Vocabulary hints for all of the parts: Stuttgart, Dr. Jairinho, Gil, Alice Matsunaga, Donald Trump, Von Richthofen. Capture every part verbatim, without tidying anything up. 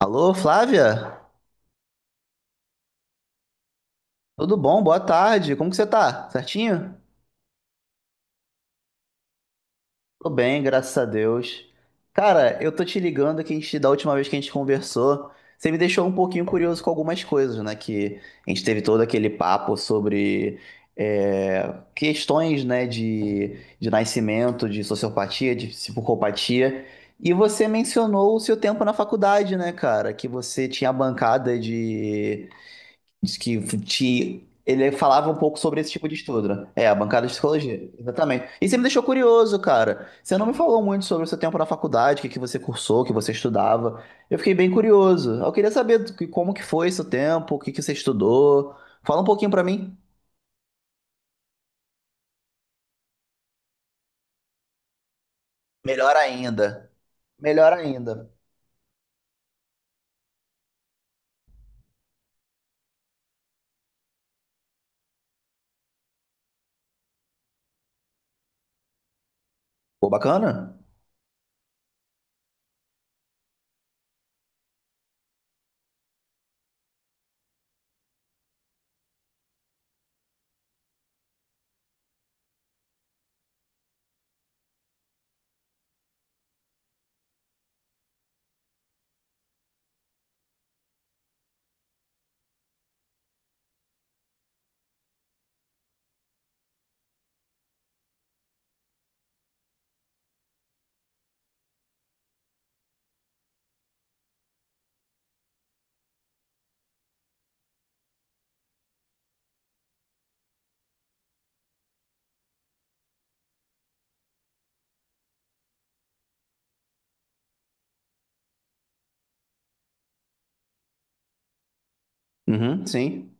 Alô, Flávia? Tudo bom? Boa tarde. Como que você tá? Certinho? Tô bem, graças a Deus. Cara, eu tô te ligando que a gente, da última vez que a gente conversou, você me deixou um pouquinho curioso com algumas coisas, né? Que a gente teve todo aquele papo sobre é, questões, né, de, de nascimento, de sociopatia, de psicopatia. E você mencionou o seu tempo na faculdade, né, cara? Que você tinha a bancada. Diz que te... ele falava um pouco sobre esse tipo de estudo, né? É, a bancada de psicologia, exatamente. E você me deixou curioso, cara. Você não me falou muito sobre o seu tempo na faculdade, o que que você cursou, o que você estudava. Eu fiquei bem curioso. Eu queria saber do que- como que foi seu tempo, o que que você estudou. Fala um pouquinho pra mim. Melhor ainda. Melhor ainda. Pô, bacana? Uhum, sim.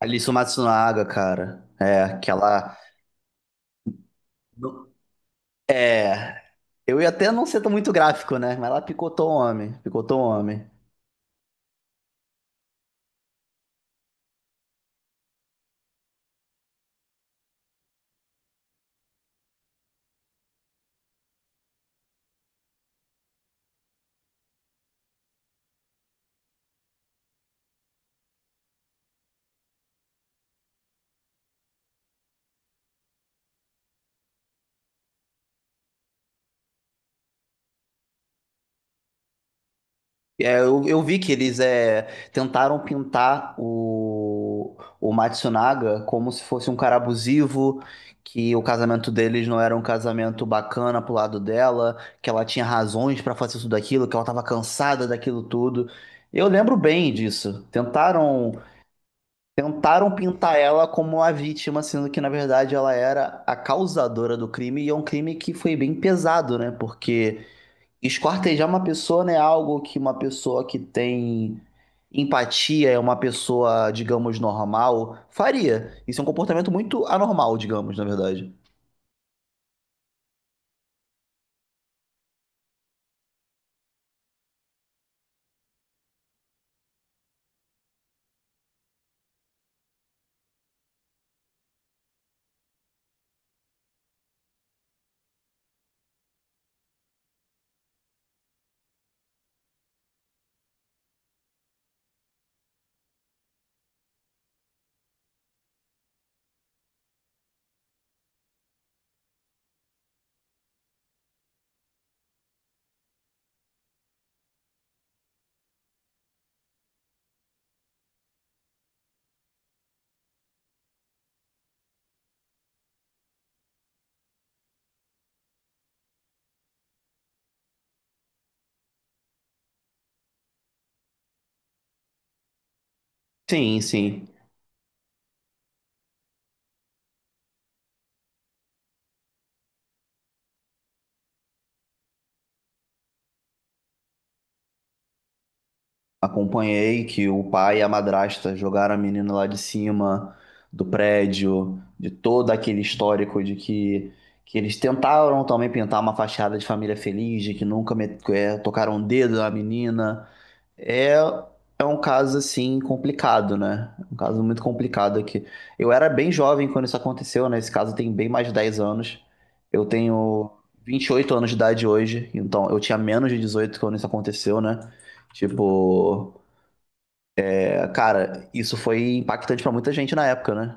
Alice Matsunaga, cara. É, aquela. É. Eu ia até não ser tão muito gráfico, né? Mas ela picotou o homem. Picotou o homem. É, eu, eu vi que eles é, tentaram pintar o, o Matsunaga como se fosse um cara abusivo, que o casamento deles não era um casamento bacana pro lado dela, que ela tinha razões pra fazer tudo aquilo, que ela tava cansada daquilo tudo. Eu lembro bem disso. Tentaram, tentaram pintar ela como a vítima, sendo que na verdade ela era a causadora do crime, e é um crime que foi bem pesado, né? Porque. Esquartejar uma pessoa não é algo que uma pessoa que tem empatia, é uma pessoa, digamos, normal, faria. Isso é um comportamento muito anormal, digamos, na verdade. Sim, sim. Acompanhei que o pai e a madrasta jogaram a menina lá de cima do prédio, de todo aquele histórico de que, que eles tentaram também pintar uma fachada de família feliz, de que nunca me- eh, tocaram o dedo na menina. É, é um caso assim complicado, né? Um caso muito complicado aqui. Eu era bem jovem quando isso aconteceu, né? Esse caso tem bem mais de dez anos. Eu tenho vinte e oito anos de idade hoje, então eu tinha menos de dezoito quando isso aconteceu, né? Tipo, é, cara, isso foi impactante pra muita gente na época, né?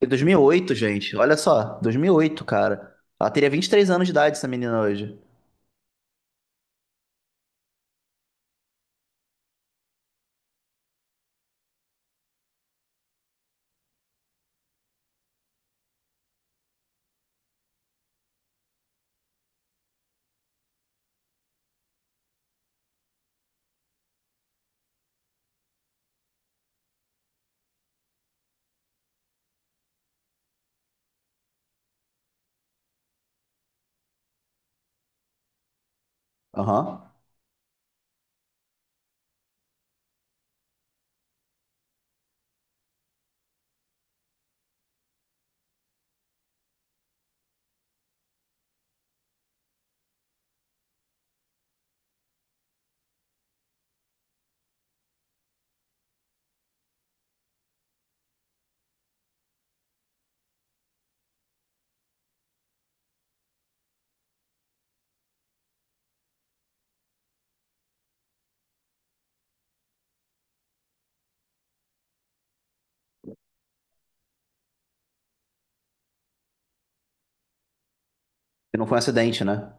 Em oito, gente, olha só, dois mil e oito, cara. Ela teria vinte e três anos de idade, essa menina hoje. Aham. E não foi um acidente, né?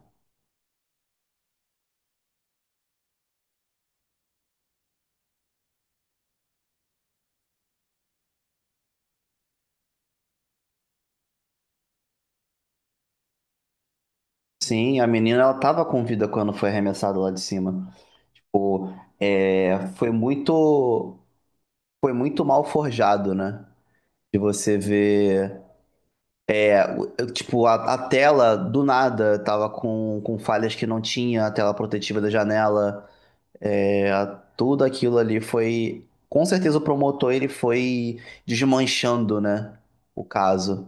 Sim, a menina ela tava com vida quando foi arremessada lá de cima. Pô, é, foi muito, foi muito mal forjado, né? De você ver, é, o- eu, tipo, a, a tela do nada tava com, com falhas que não tinha, a tela protetiva da janela, é, a- tudo aquilo ali foi, com certeza o promotor ele foi desmanchando, né? O caso.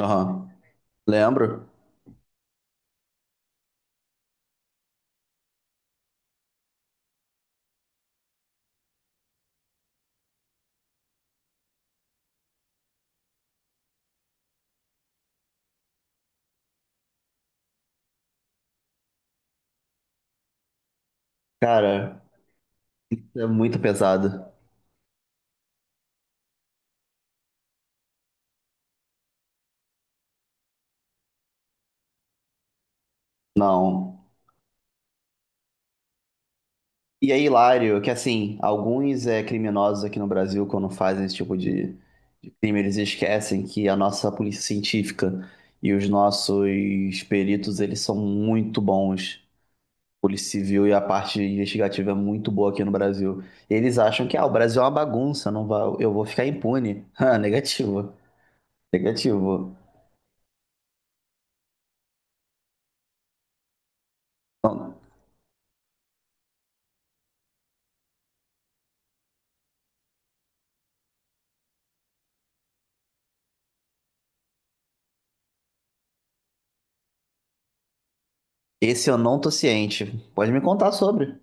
Aham. Lembro? Cara, é muito pesado. Não. E é hilário que, assim, alguns é, criminosos aqui no Brasil, quando fazem esse tipo de, de crime, eles esquecem que a nossa polícia científica e os nossos peritos, eles são muito bons. Polícia Civil e a parte investigativa é muito boa aqui no Brasil. Eles acham que, ah, o Brasil é uma bagunça, não vai, eu vou ficar impune. Ah, negativo, negativo. Não, esse eu não tô ciente. Pode me contar sobre.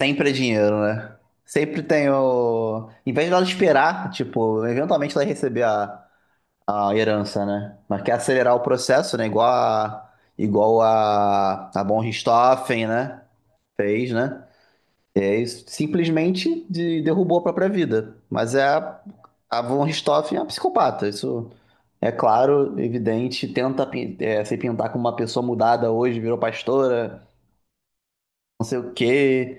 Sempre é dinheiro, né? Sempre tem o. Em vez dela esperar, tipo, eventualmente ela vai receber a, a herança, né? Mas quer acelerar o processo, né? Igual a. Igual a. A Von Richthofen, né? Fez, né? E aí, simplesmente de, derrubou a própria vida. Mas é. A, a Von Richthofen é uma psicopata. Isso é claro, evidente. Tenta pin- é, se pintar como uma pessoa mudada hoje, virou pastora, não sei o quê.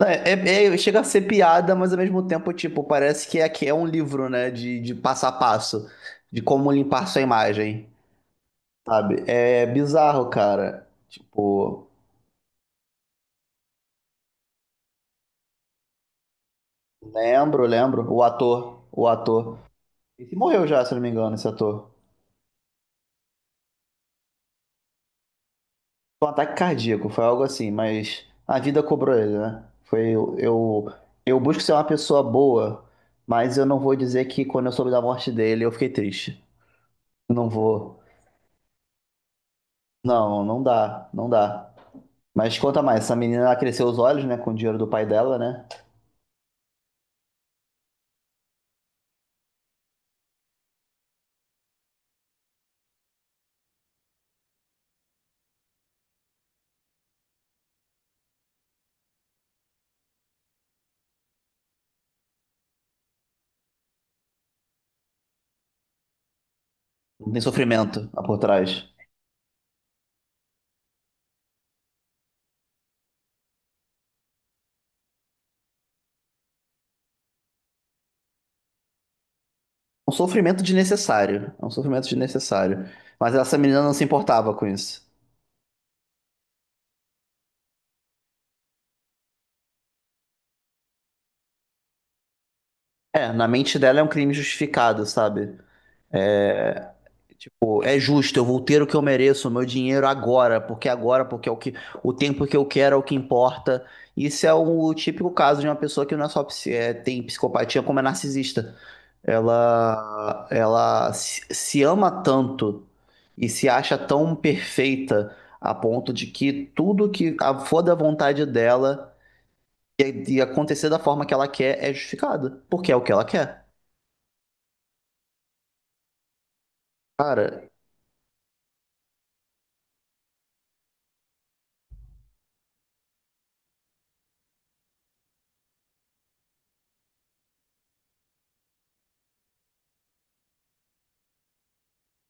É, é- é- chega a ser piada, mas ao mesmo tempo, tipo, parece que é, que é um livro, né? De, de passo a passo, de como limpar sua imagem, sabe? É bizarro, cara. Tipo, lembro, lembro. O ator, o ator. Esse morreu já, se eu não me engano, esse ator. Foi um ataque cardíaco, foi algo assim, mas a vida cobrou ele, né? Foi eu, eu, eu busco ser uma pessoa boa, mas eu não vou dizer que quando eu soube da morte dele, eu fiquei triste. Não vou. Não, não dá, não dá. Mas conta mais, essa menina ela cresceu os olhos, né, com o dinheiro do pai dela, né? Não tem sofrimento lá por trás. É um sofrimento desnecessário. É um sofrimento desnecessário. Mas essa menina não se importava com isso. É, na mente dela é um crime justificado, sabe? É, é justo, eu vou ter o que eu mereço, o meu dinheiro agora, porque agora, porque é o que o tempo que eu quero é o que importa. Isso é o típico caso de uma pessoa que não é só psi- é, tem psicopatia, como é narcisista. Ela, ela se se ama tanto e se acha tão perfeita a ponto de que tudo que a- for da vontade dela e, e acontecer da forma que ela quer é justificado, porque é o que ela quer. Cara,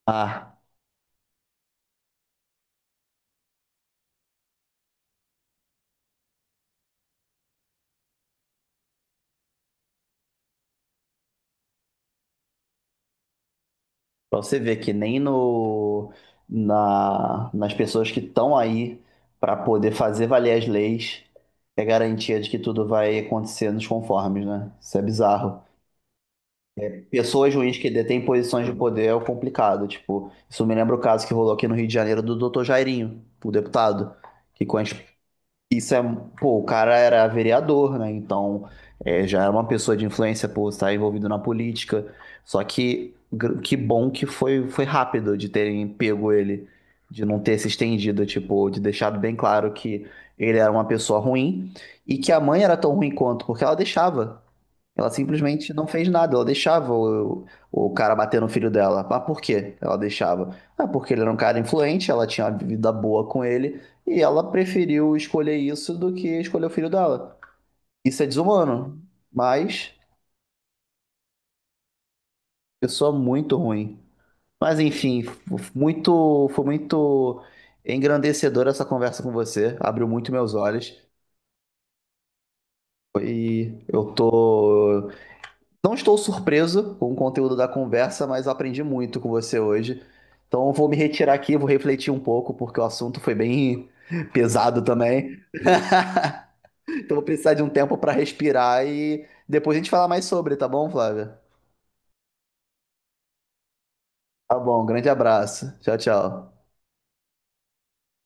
ah, pra você ver que nem no, na, nas pessoas que estão aí pra poder fazer valer as leis é garantia de que tudo vai acontecer nos conformes, né? Isso é bizarro. Pessoas ruins que detêm posições de poder é o complicado. Tipo, isso me lembra o caso que rolou aqui no Rio de Janeiro do doutor Jairinho, o deputado. Que com as... Isso é. Pô, o cara era vereador, né? Então é, já era uma pessoa de influência por estar envolvido na política. Só que gr- que bom que foi, foi rápido de terem pego ele, de não ter se estendido, tipo, de deixado bem claro que ele era uma pessoa ruim e que a mãe era tão ruim quanto, porque ela deixava. Ela simplesmente não fez nada, ela deixava o, o cara bater no filho dela. Mas por quê? Ela deixava. Ah, porque ele era um cara influente, ela tinha uma vida boa com ele, e ela preferiu escolher isso do que escolher o filho dela. Isso é desumano, mas pessoa muito ruim. Mas enfim, f- muito, foi muito engrandecedora essa conversa com você, abriu muito meus olhos. E eu tô. Não estou surpreso com o conteúdo da conversa, mas eu aprendi muito com você hoje. Então eu vou me retirar aqui, vou refletir um pouco, porque o assunto foi bem pesado também. Então eu vou precisar de um tempo para respirar e depois a gente falar mais sobre, tá bom, Flávia? Tá bom, grande abraço. Tchau, tchau.